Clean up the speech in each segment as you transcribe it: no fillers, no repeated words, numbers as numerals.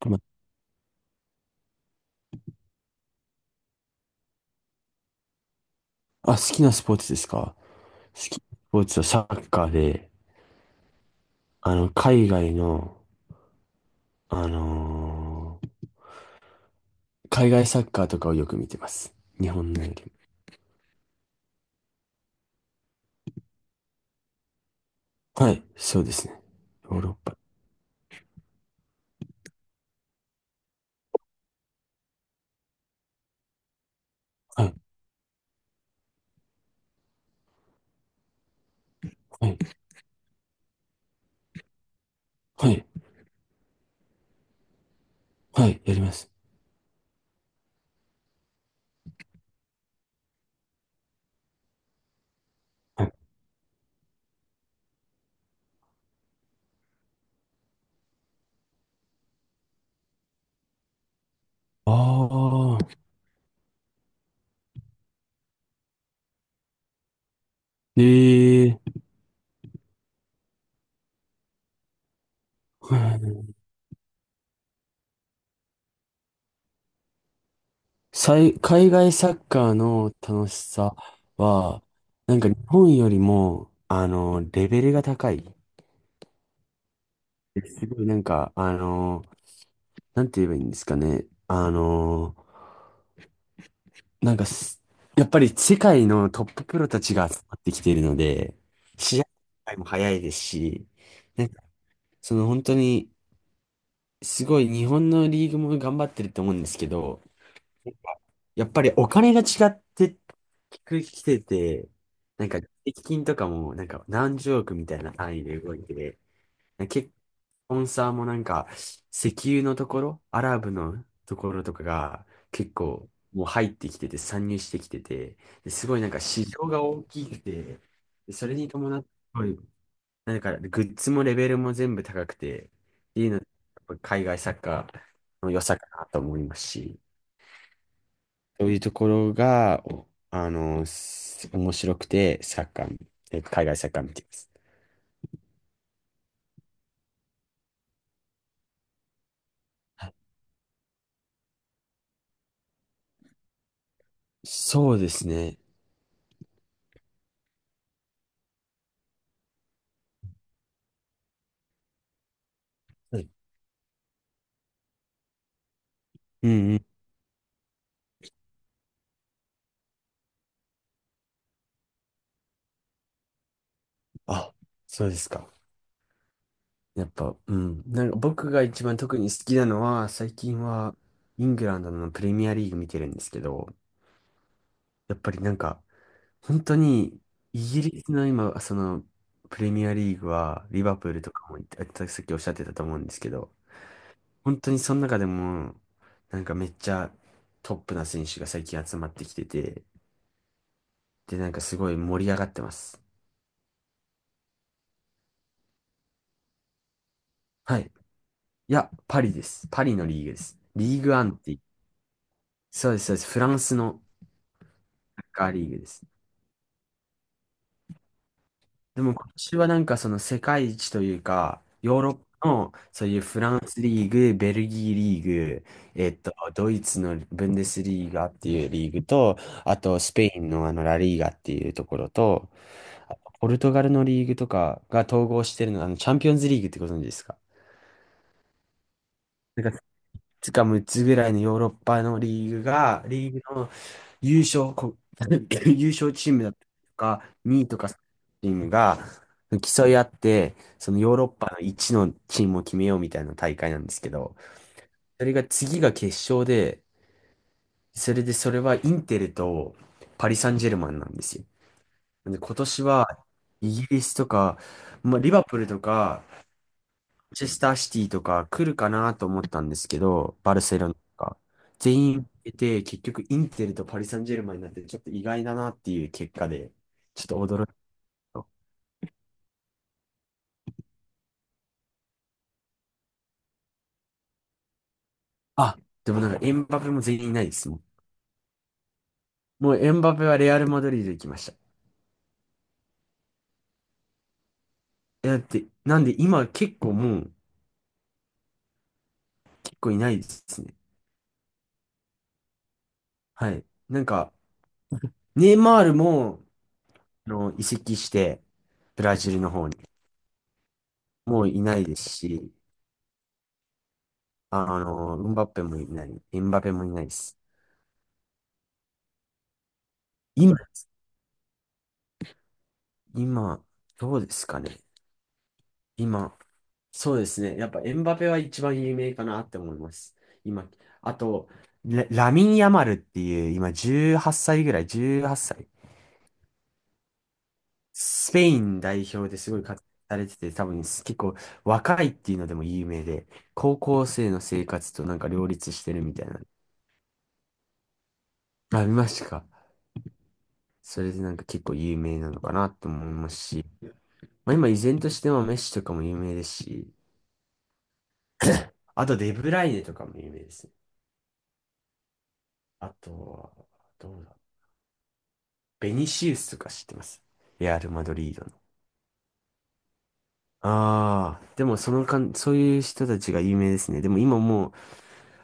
ま好きなスポーツですか？好きなスポーツはサッカーで、海外の、あのー海外サッカーとかをよく見てます。日本のよりも。はい、そうですね。ヨーロッパ。はい、はい、はい、はい、やります。はい、ああ、ええー、海外サッカーの楽しさは、なんか日本よりも、レベルが高い。すごいなんか、なんて言えばいいんですかね。あのーなんかす、やっぱり世界のトッププロたちが集まってきているので、試合も早いですし、なんか、その本当に、すごい日本のリーグも頑張ってると思うんですけど、やっぱりお金が違ってきてて、なんか、税金とかもなんか何十億みたいな単位で動いて、結構、スポンサーもなんか、石油のところ、アラブのところとかが結構もう入ってきてて、参入してきてて、ですごいなんか市場が大きくて、でそれに伴って、すごいなんかグッズもレベルも全部高くて、っていうの、やっぱ海外サッカーの良さかなと思いますし、そういうところが、おあの、す面白くて、サッカー、海外サッカー見てます。はい、そうですね。うん、うん、あ、そうですか。やっぱ、うん。なんか僕が一番特に好きなのは、最近はイングランドのプレミアリーグ見てるんですけど、やっぱりなんか、本当にイギリスの今、そのプレミアリーグは、リバプールとかも、さっきおっしゃってたと思うんですけど、本当にその中でも、なんかめっちゃトップな選手が最近集まってきてて、で、なんかすごい盛り上がってます。はい。いや、パリです。パリのリーグです。リーグアンって、そうです、そうです。フランスの、サッカーリーグです。でも今年はなんかその世界一というか、ヨーロッパのそういうフランスリーグ、ベルギーリーグ、ドイツのブンデスリーガっていうリーグと、あとスペインのあのラリーガっていうところと、あとポルトガルのリーグとかが統合してるのが、あのチャンピオンズリーグってご存知ですか？なんかつか6つぐらいのヨーロッパのリーグが、リーグの優勝、こ 優勝チームだったりとか、2位とかチームが競い合って、そのヨーロッパの1のチームを決めようみたいな大会なんですけど、それが次が決勝で、それでそれはインテルとパリ・サンジェルマンなんですよ。なんで今年はイギリスとか、まあ、リバプールとかマンチェスターシティとか来るかなと思ったんですけど、バルセロナとか。全員出て、結局インテルとパリ・サンジェルマンになって、ちょっと意外だなっていう結果で、ちょっと驚いた。あ、でもなんかエンバペも全員いないですもん。もうエンバペはレアル・マドリード行きました。え、だって、なんで今結構もう、結構いないですね。はい。なんか、ネイマールも、移籍して、ブラジルの方に。もういないですし、ウンバッペもいない、エンバペもいないです。今今、どうですかね。今、そうですね。やっぱエムバペは一番有名かなって思います。今、あと、ラミン・ヤマルっていう、今18歳ぐらい、18歳。スペイン代表ですごい活躍されてて、多分結構若いっていうのでも有名で、高校生の生活となんか両立してるみたいな。あ、見ましたか。それでなんか結構有名なのかなと思いますし、まあ、今依然としてはメッシとかも有名ですし、あとデブライネとかも有名ですね。あとは、どうだ。ベニシウスとか知ってます。レアル・マドリードの。ああ、でもそのかん、そういう人たちが有名ですね。でも今もう、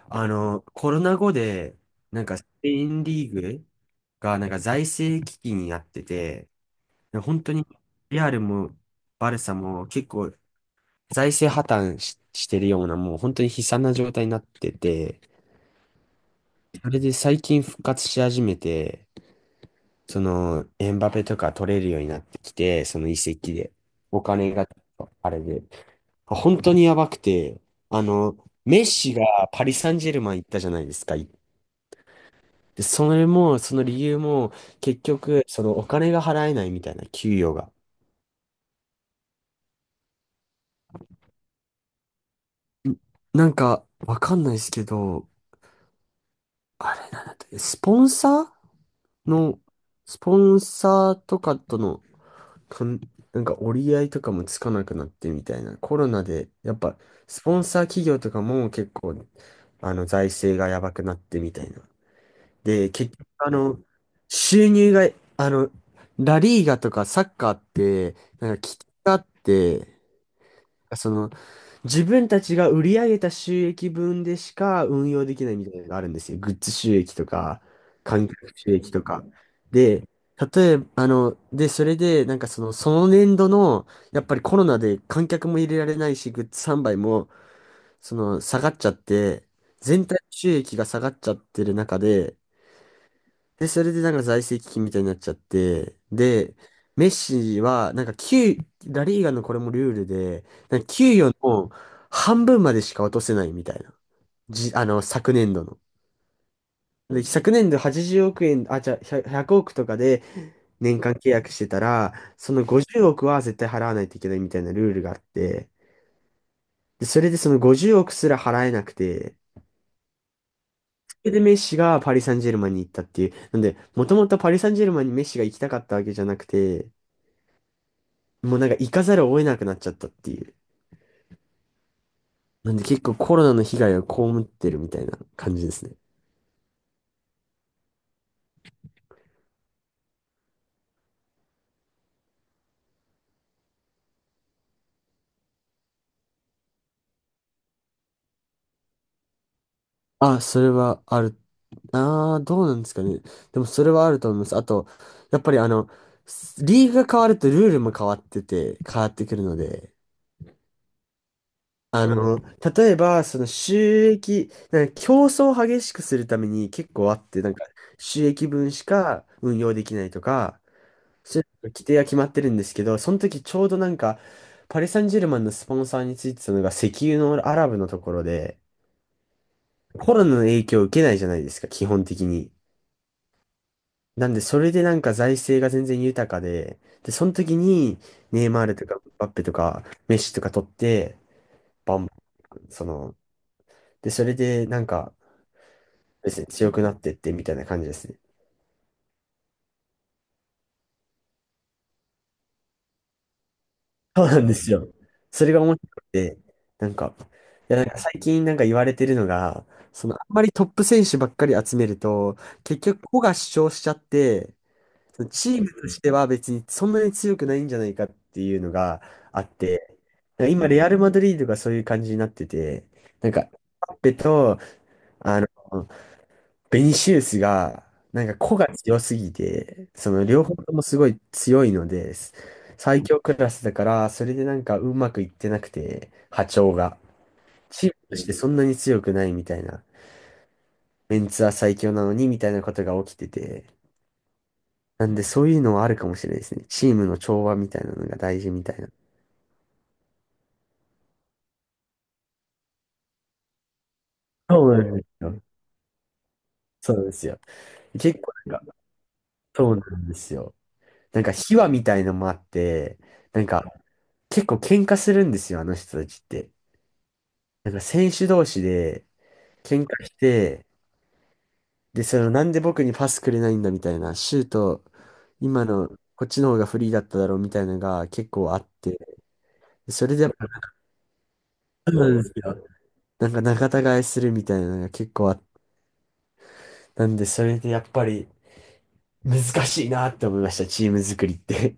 コロナ後で、なんかスペインリーグがなんか財政危機になってて、本当にレアルもバルサも結構財政破綻し、してるような、もう本当に悲惨な状態になってて、それで最近復活し始めて、その、エンバペとか取れるようになってきて、その移籍で。お金が、あれで。本当にやばくて、あの、メッシがパリ・サンジェルマン行ったじゃないですか。で、それも、その理由も、結局、そのお金が払えないみたいな、給与が。んなんか、わかんないですけど、あれなんだって、スポンサーの、スポンサーとかとのかん、なんか折り合いとかもつかなくなってみたいな。コロナで、やっぱ、スポンサー企業とかも結構、財政がやばくなってみたいな。で、結局、収入が、あの、ラリーガとかサッカーって、なんか、危機があって、その、自分たちが売り上げた収益分でしか運用できないみたいなのがあるんですよ。グッズ収益とか、観客収益とか。で、例えば、それで、なんかその、その年度の、やっぱりコロナで観客も入れられないし、グッズ販売も、その、下がっちゃって、全体収益が下がっちゃってる中で、で、それでなんか財政危機みたいになっちゃって、で、メッシは、なんか給、ラリーガのこれもルールで、なんか給与の半分までしか落とせないみたいな。じ、あの、昨年度の。で、昨年度80億円、あ、じゃあ、100億とかで年間契約してたら、その50億は絶対払わないといけないみたいなルールがあって、で、それでその50億すら払えなくて、それでメッシがパリ・サンジェルマンに行ったっていう。なんで、もともとパリ・サンジェルマンにメッシが行きたかったわけじゃなくて、もうなんか行かざるを得なくなっちゃったっていう。なんで結構コロナの被害を被ってるみたいな感じですね。あ、それはある。ああ、どうなんですかね。でもそれはあると思います。あと、やっぱりリーグが変わるとルールも変わってて、変わってくるので、あの、例えば、その収益、なんか競争を激しくするために結構あって、なんか収益分しか運用できないとか、規定は決まってるんですけど、その時ちょうどなんか、パリ・サンジェルマンのスポンサーについてたのが石油のアラブのところで、コロナの影響を受けないじゃないですか、基本的に。なんで、それでなんか財政が全然豊かで、で、その時に、ネイマールとか、バッペとか、メッシとか取って、バンバン、それでなんか、ですね、強くなってってみたいな感じですね。そうなんですよ。それが面白くて、なんか、いや、なんか最近なんか言われてるのが、そのあんまりトップ選手ばっかり集めると、結局個が主張しちゃって、そのチームとしては別にそんなに強くないんじゃないかっていうのがあって、なんか今レアル・マドリードがそういう感じになってて、なんか、エムバペと、あの、ベニシウスが、なんか個が強すぎて、その両方ともすごい強いのです。最強クラスだから、それでなんかうまくいってなくて、波長が。チームとしてそんなに強くないみたいな。メンツは最強なのにみたいなことが起きてて。なんでそういうのはあるかもしれないですね。チームの調和みたいなのが大事みたいな。そうなんですよ。そうなんですよ。結構なんか、そうなんですよ。なんか秘話みたいのもあって、なんか結構喧嘩するんですよ、あの人たちって。なんか選手同士で喧嘩して、で、そのなんで僕にパスくれないんだみたいな、シュート、今のこっちの方がフリーだっただろうみたいなのが結構あって、それでやっぱ、そうなんですよ。なんか仲違いするみたいなのが結構あって、なんでそれでやっぱり難しいなって思いました、チーム作りって。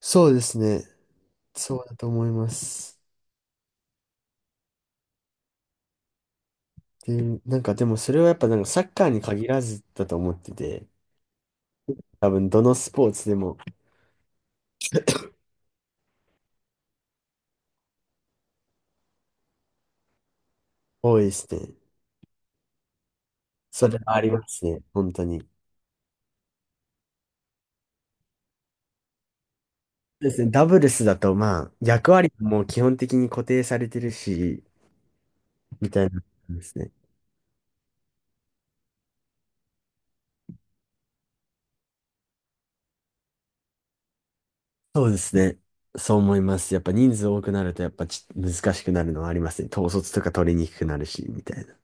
そうですね。そうだと思います。で、なんかでもそれはやっぱなんかサッカーに限らずだと思ってて、多分どのスポーツでも 多いですね。それはありますね、本当に。ですね、ダブルスだとまあ役割も基本的に固定されてるし、みたいなことですね。そうですね。そう思います。やっぱ人数多くなるとやっぱ難しくなるのはありますね。統率とか取りにくくなるし、みたいな。